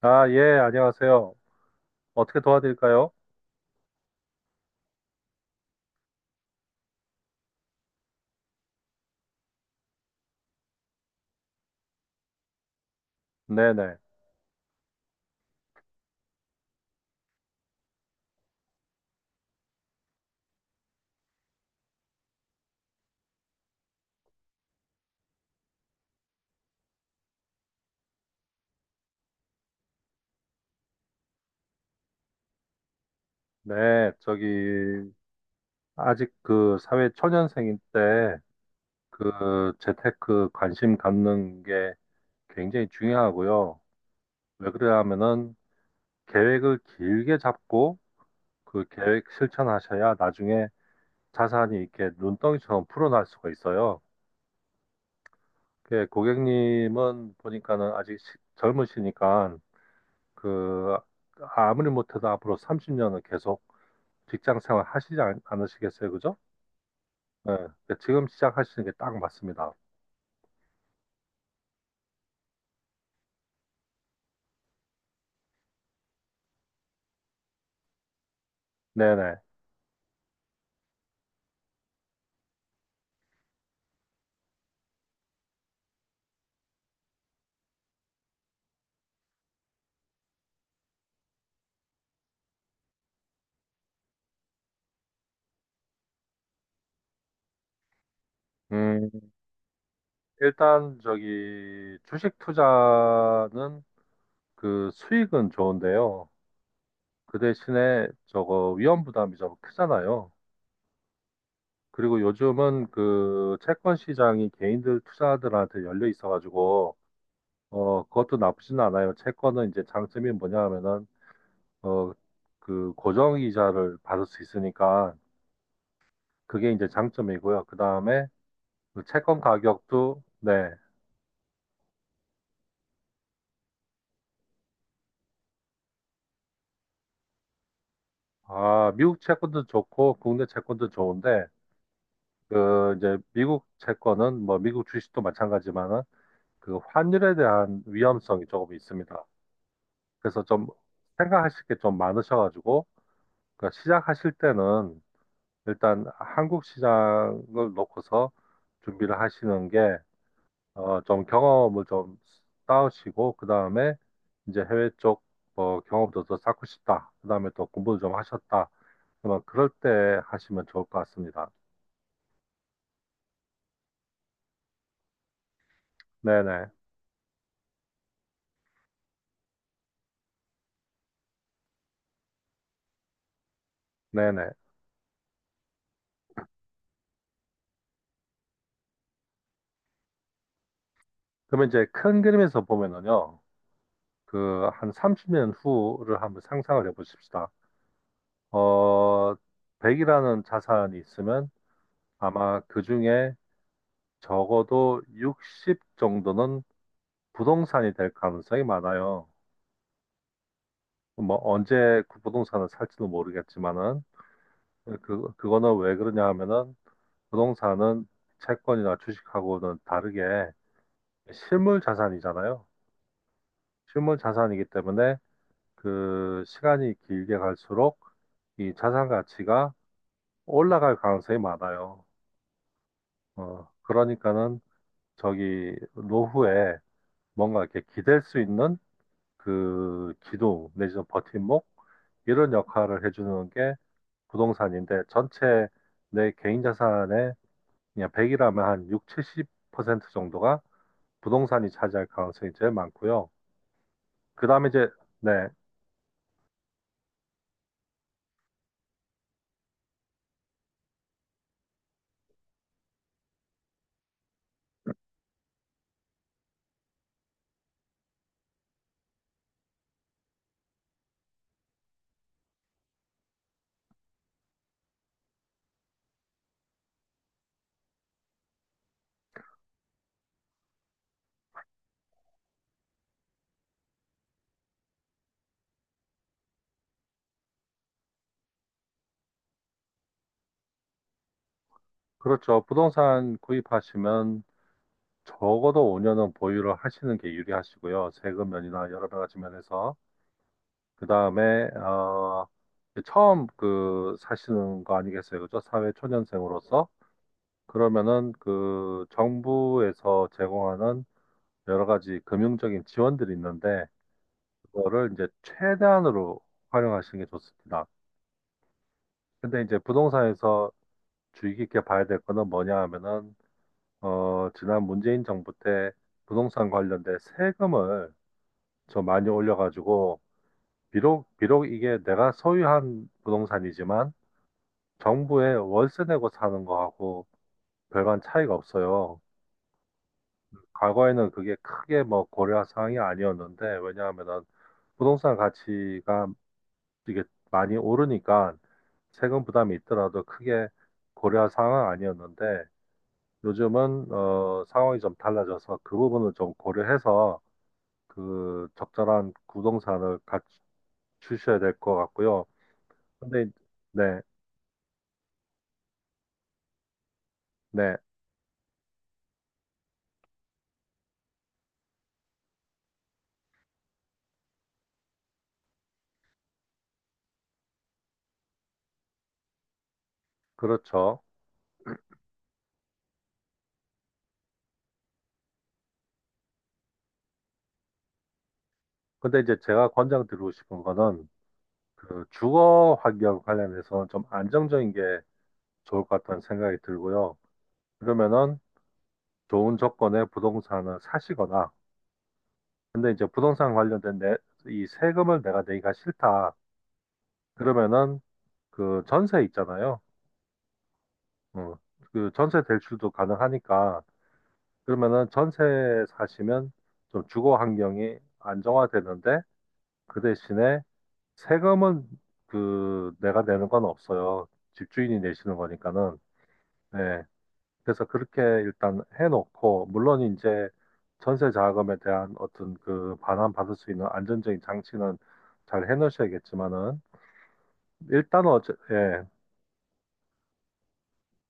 아, 예, 안녕하세요. 어떻게 도와드릴까요? 네네. 네, 저기, 아직 그 사회 초년생일 때 그 재테크 관심 갖는 게 굉장히 중요하고요. 왜 그러냐면은 계획을 길게 잡고 그 계획 실천하셔야 나중에 자산이 이렇게 눈덩이처럼 풀어날 수가 있어요. 그 고객님은 보니까는 아직 젊으시니까 그 아무리 못해도 앞으로 30년은 계속 직장 생활 하시지 않으시겠어요? 그죠? 네. 네, 지금 시작하시는 게 딱 맞습니다. 네네. 음, 일단 저기 주식 투자는 그 수익은 좋은데요. 그 대신에 저거 위험 부담이 좀 크잖아요. 그리고 요즘은 그 채권 시장이 개인들 투자들한테 열려 있어가지고 어 그것도 나쁘진 않아요. 채권은 이제 장점이 뭐냐 하면은 어 그 고정 이자를 받을 수 있으니까 그게 이제 장점이고요. 그 다음에 그 채권 가격도. 네. 아, 미국 채권도 좋고 국내 채권도 좋은데 그 이제 미국 채권은 뭐 미국 주식도 마찬가지지만은 그 환율에 대한 위험성이 조금 있습니다. 그래서 좀 생각하실 게 좀 많으셔가지고 그 시작하실 때는 일단 한국 시장을 놓고서 준비를 하시는 게 어, 좀 경험을 좀 쌓으시고, 그 다음에 이제 해외 쪽 뭐 경험도 더 쌓고 싶다. 그 다음에 또 공부도 좀 하셨다. 그러면 그럴 때 하시면 좋을 것 같습니다. 네네, 네네. 그러면 이제 큰 그림에서 보면은요, 그 한 30년 후를 한번 상상을 해보십시다. 어, 100이라는 자산이 있으면 아마 그 중에 적어도 60 정도는 부동산이 될 가능성이 많아요. 뭐 언제 그 부동산을 살지도 모르겠지만은 그 그거는 왜 그러냐 하면은 부동산은 채권이나 주식하고는 다르게 실물 자산이잖아요. 실물 자산이기 때문에 그 시간이 길게 갈수록 이 자산 가치가 올라갈 가능성이 많아요. 어, 그러니까는 저기 노후에 뭔가 이렇게 기댈 수 있는 그 기둥 내지는 버팀목 이런 역할을 해주는 게 부동산인데 전체 내 개인 자산의 그냥 100이라면 한 6, 70% 정도가 부동산이 차지할 가능성이 제일 많고요. 그다음에 이제. 네, 그렇죠. 부동산 구입하시면 적어도 5년은 보유를 하시는 게 유리하시고요. 세금 면이나 여러 가지 면에서 그다음에 어 처음 그 사시는 거 아니겠어요? 그죠? 사회 초년생으로서 그러면은 그 정부에서 제공하는 여러 가지 금융적인 지원들이 있는데 그거를 이제 최대한으로 활용하시는 게 좋습니다. 근데 이제 부동산에서 주의 깊게 봐야 될 거는 뭐냐 하면은, 어, 지난 문재인 정부 때 부동산 관련된 세금을 좀 많이 올려가지고, 비록 이게 내가 소유한 부동산이지만, 정부에 월세 내고 사는 거하고 별반 차이가 없어요. 과거에는 그게 크게 뭐 고려할 사항이 아니었는데, 왜냐하면은 부동산 가치가 이게 많이 오르니까 세금 부담이 있더라도 크게 고려할 상황 아니었는데 요즘은 어, 상황이 좀 달라져서 그 부분을 좀 고려해서 그 적절한 부동산을 갖추셔야 될 것 같고요. 근데 네, 네, 그렇죠. 근데 이제 제가 권장드리고 싶은 거는 그 주거 환경 관련해서는 좀 안정적인 게 좋을 것 같다는 생각이 들고요. 그러면은 좋은 조건의 부동산을 사시거나 근데 이제 부동산 관련된 내, 이 세금을 내가 내기가 싫다. 그러면은 그 전세 있잖아요. 어, 그 전세 대출도 가능하니까 그러면은 전세 사시면 좀 주거 환경이 안정화되는데 그 대신에 세금은 그 내가 내는 건 없어요. 집주인이 내시는 거니까는. 네. 그래서 그렇게 일단 해놓고 물론 이제 전세 자금에 대한 어떤 그 반환 받을 수 있는 안정적인 장치는 잘 해놓으셔야겠지만은 일단은 어째, 예,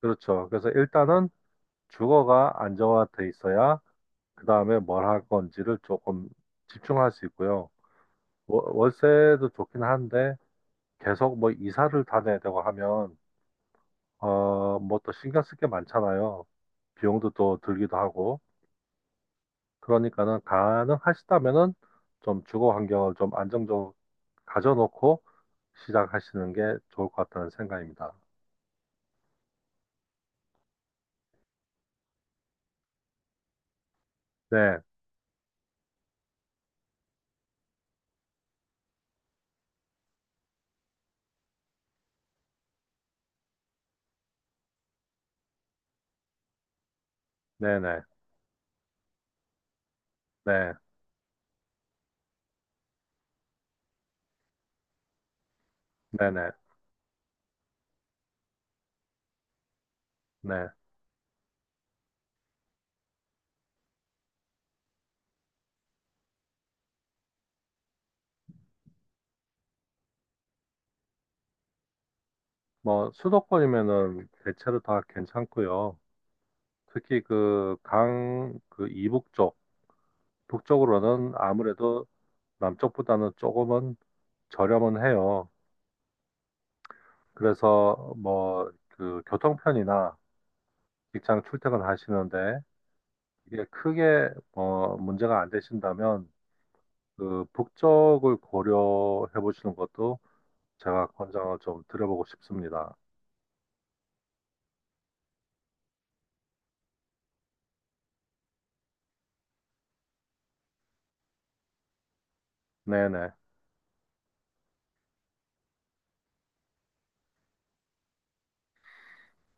그렇죠. 그래서 일단은 주거가 안정화돼 있어야 그 다음에 뭘 할 건지를 조금 집중할 수 있고요. 월세도 좋긴 한데 계속 뭐 이사를 다녀야 되고 하면 어, 뭐 또 신경 쓸 게 많잖아요. 비용도 또 들기도 하고. 그러니까는 가능하시다면은 좀 주거 환경을 좀 안정적으로 가져놓고 시작하시는 게 좋을 것 같다는 생각입니다. 네, 네, 네, 네, 네, 네, 네. 뭐 수도권이면은 대체로 다 괜찮고요. 특히 그 강 그 이북 쪽 북쪽으로는 아무래도 남쪽보다는 조금은 저렴은 해요. 그래서 뭐 그 교통편이나 직장 출퇴근하시는데 이게 크게 뭐 문제가 안 되신다면 그 북쪽을 고려해 보시는 것도 제가 권장을 좀 드려보고 싶습니다. 네네.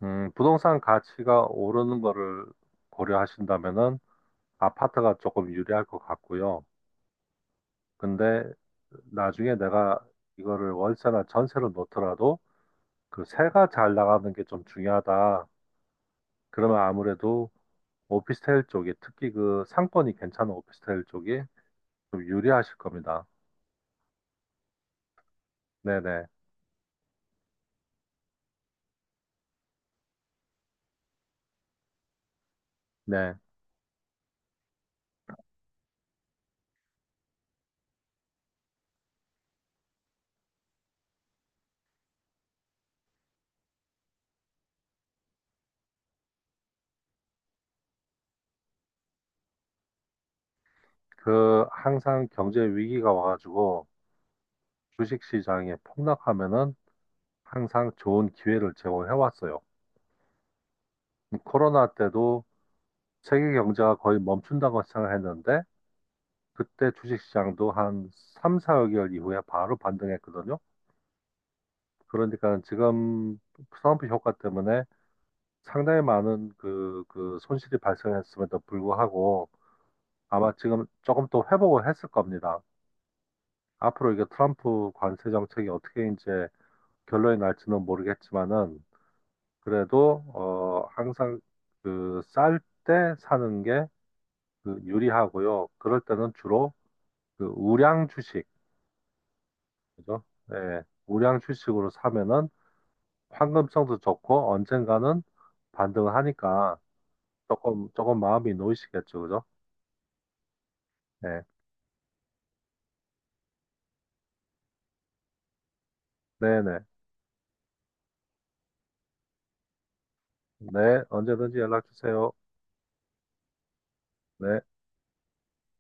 부동산 가치가 오르는 거를 고려하신다면은 아파트가 조금 유리할 것 같고요. 근데 나중에 내가 이거를 월세나 전세로 놓더라도 그 세가 잘 나가는 게 좀 중요하다. 그러면 아무래도 오피스텔 쪽이 특히 그 상권이 괜찮은 오피스텔 쪽이 좀 유리하실 겁니다. 네네. 네. 그 항상 경제 위기가 와가지고 주식 시장이 폭락하면은 항상 좋은 기회를 제공해 왔어요. 코로나 때도 세계 경제가 거의 멈춘다고 생각했는데 그때 주식시장도 한 3, 4개월 이후에 바로 반등했거든요. 그러니까 지금 트럼프 효과 때문에 상당히 많은 그 손실이 발생했음에도 불구하고 아마 지금 조금 더 회복을 했을 겁니다. 앞으로 이게 트럼프 관세 정책이 어떻게 이제 결론이 날지는 모르겠지만은 그래도 어 항상 그 쌀 때 사는 게 그 유리하고요. 그럴 때는 주로 그 우량 주식, 그죠? 예, 우량 주식으로 사면은 황금성도 좋고 언젠가는 반등을 하니까 조금 마음이 놓이시겠죠, 그죠? 네, 네, 네, 네, 언제든지 연락 주세요. 네.